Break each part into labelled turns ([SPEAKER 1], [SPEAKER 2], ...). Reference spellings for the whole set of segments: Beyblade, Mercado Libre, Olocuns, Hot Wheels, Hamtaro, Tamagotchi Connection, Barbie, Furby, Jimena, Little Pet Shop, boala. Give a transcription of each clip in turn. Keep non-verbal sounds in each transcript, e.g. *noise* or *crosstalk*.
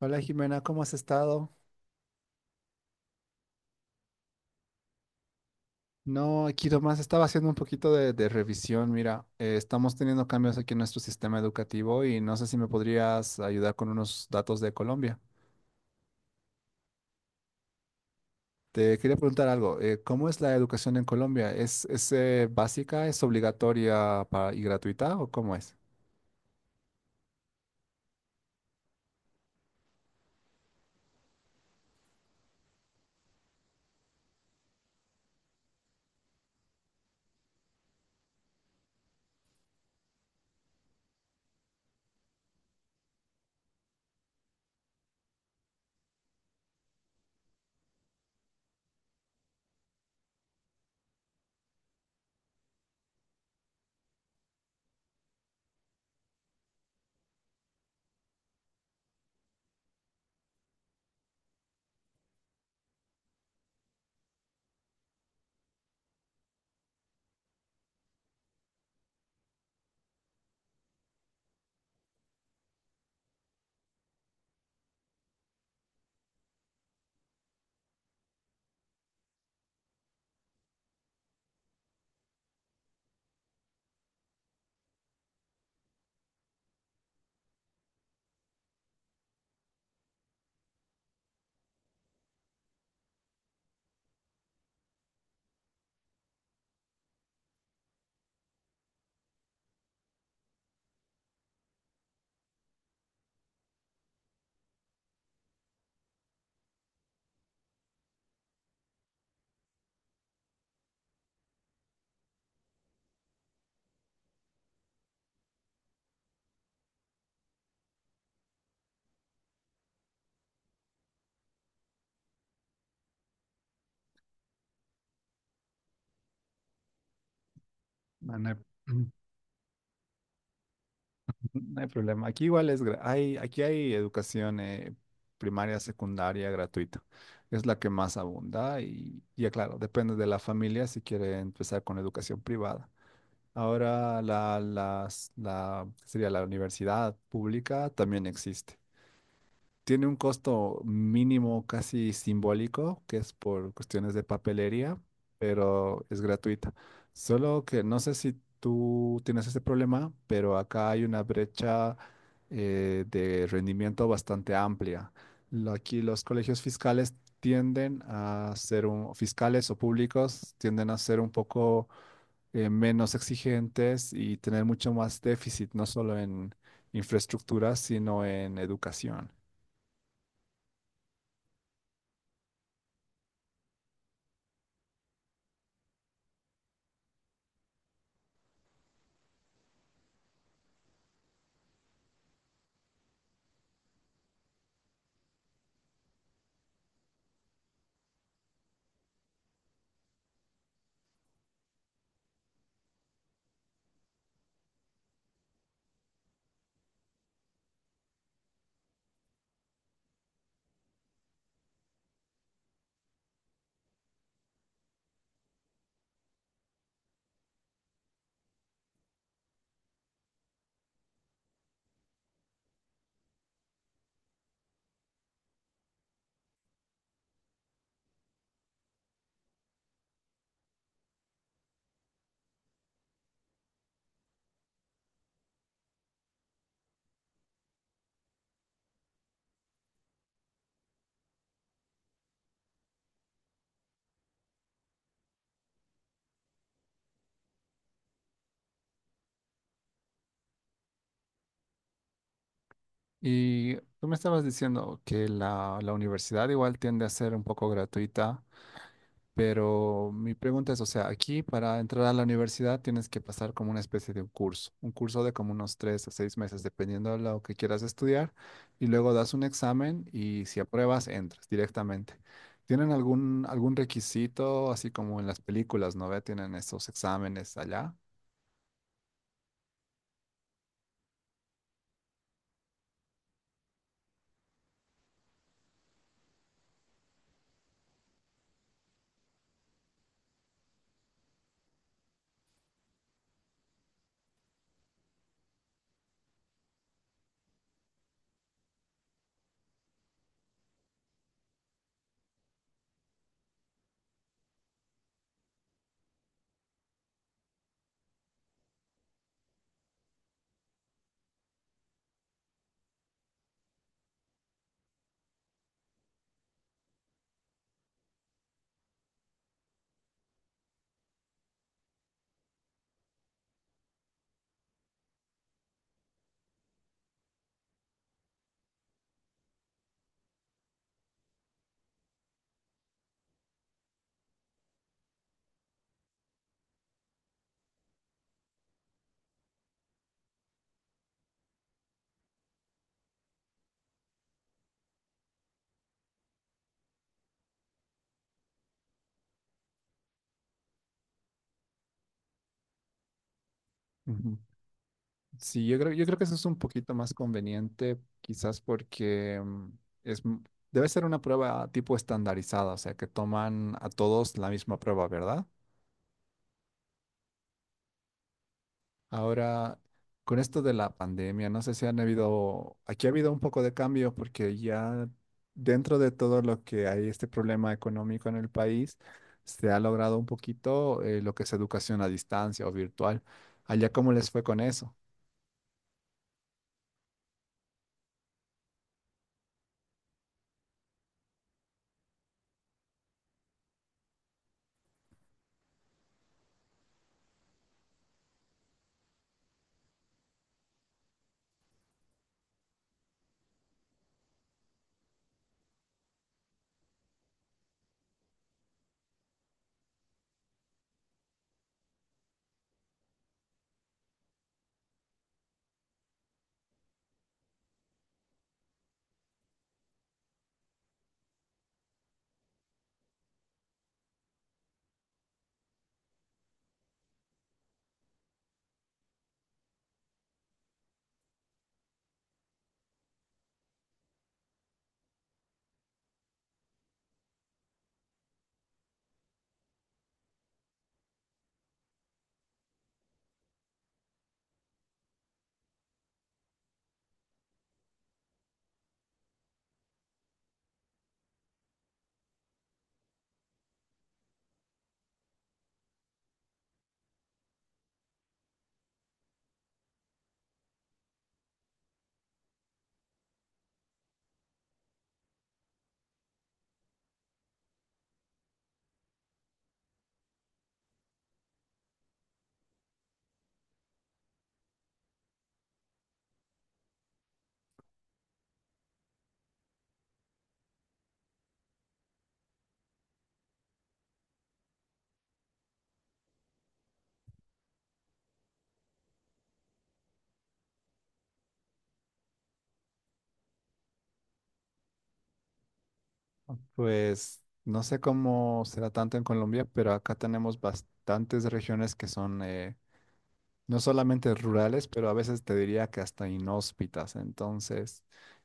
[SPEAKER 1] Hola Jimena, ¿cómo has estado? No, aquí nomás estaba haciendo un poquito de revisión. Mira, estamos teniendo cambios aquí en nuestro sistema educativo y no sé si me podrías ayudar con unos datos de Colombia. Te quería preguntar algo, ¿cómo es la educación en Colombia? ¿ básica, es obligatoria y gratuita o cómo es? Ah, no hay, *clears throat* no hay problema. Aquí igual es, aquí hay educación primaria, secundaria, gratuita. Es la que más abunda y ya claro, depende de la familia si quiere empezar con educación privada. Ahora ¿qué sería? La universidad pública también existe. Tiene un costo mínimo casi simbólico, que es por cuestiones de papelería, pero es gratuita. Solo que no sé si tú tienes ese problema, pero acá hay una brecha de rendimiento bastante amplia. Aquí los colegios fiscales tienden a ser fiscales o públicos tienden a ser un poco menos exigentes y tener mucho más déficit, no solo en infraestructura, sino en educación. Y tú me estabas diciendo que la universidad igual tiende a ser un poco gratuita, pero mi pregunta es, o sea, aquí para entrar a la universidad tienes que pasar como una especie de un curso de como unos 3 a 6 meses, dependiendo de lo que quieras estudiar, y luego das un examen y si apruebas, entras directamente. ¿Tienen algún requisito, así como en las películas, ¿no ve? ¿Tienen esos exámenes allá? Ujú. Sí, yo creo que eso es un poquito más conveniente, quizás porque es, m- debe ser una prueba tipo estandarizada, o sea, que toman a todos la misma prueba, ¿verdad? Ahora, con esto de la pandemia, no sé si han habido, aquí ha habido un poco de cambio porque ya dentro de todo lo que hay este problema económico en el país, se ha logrado un poquito lo que es educación a distancia o virtual. Allá, ¿cómo les fue con eso? Pues no sé cómo será tanto en Colombia, pero acá tenemos bastantes regiones que son no solamente rurales, pero a veces te diría que hasta inhóspitas. Entonces,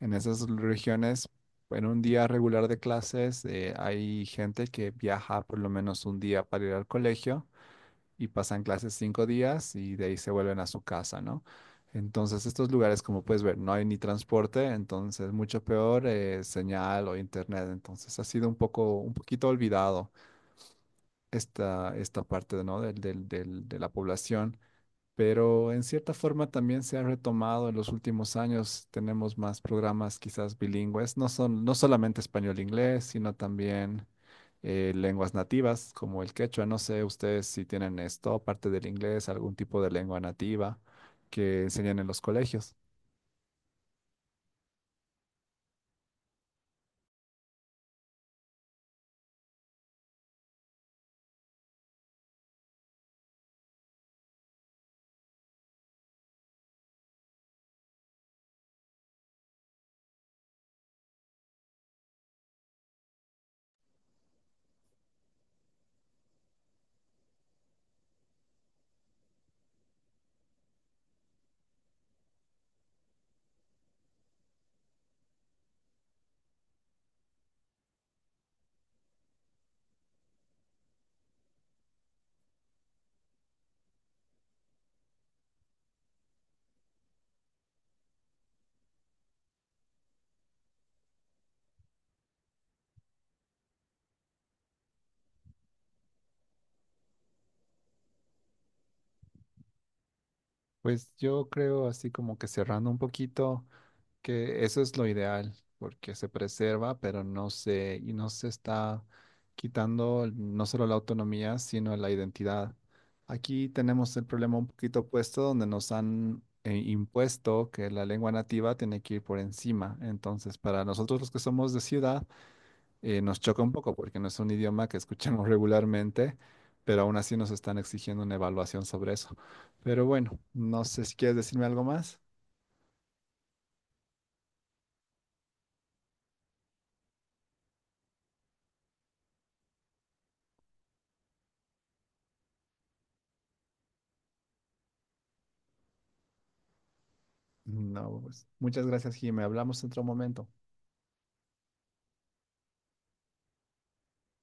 [SPEAKER 1] en esas regiones, en un día regular de clases, hay gente que viaja por lo menos un día para ir al colegio y pasan clases 5 días y de ahí se vuelven a su casa, ¿no? Entonces, estos lugares, como puedes ver, no hay ni transporte, entonces mucho peor señal o internet. Entonces, ha sido un poco, un poquito olvidado esta parte, ¿no? De la población. Pero en cierta forma también se ha retomado en los últimos años. Tenemos más programas quizás bilingües, no solamente español-inglés, sino también lenguas nativas como el quechua. No sé ustedes si tienen esto, aparte del inglés, algún tipo de lengua nativa que enseñan en los colegios. Pues yo creo, así como que cerrando un poquito, que eso es lo ideal, porque se preserva, y no se está quitando no solo la autonomía, sino la identidad. Aquí tenemos el problema un poquito opuesto, donde nos han impuesto que la lengua nativa tiene que ir por encima. Entonces, para nosotros los que somos de ciudad, nos choca un poco porque no es un idioma que escuchamos *laughs* regularmente, pero aún así nos están exigiendo una evaluación sobre eso. Pero bueno, no sé si quieres decirme algo más. No, pues, muchas gracias, Jimé. Hablamos en otro momento.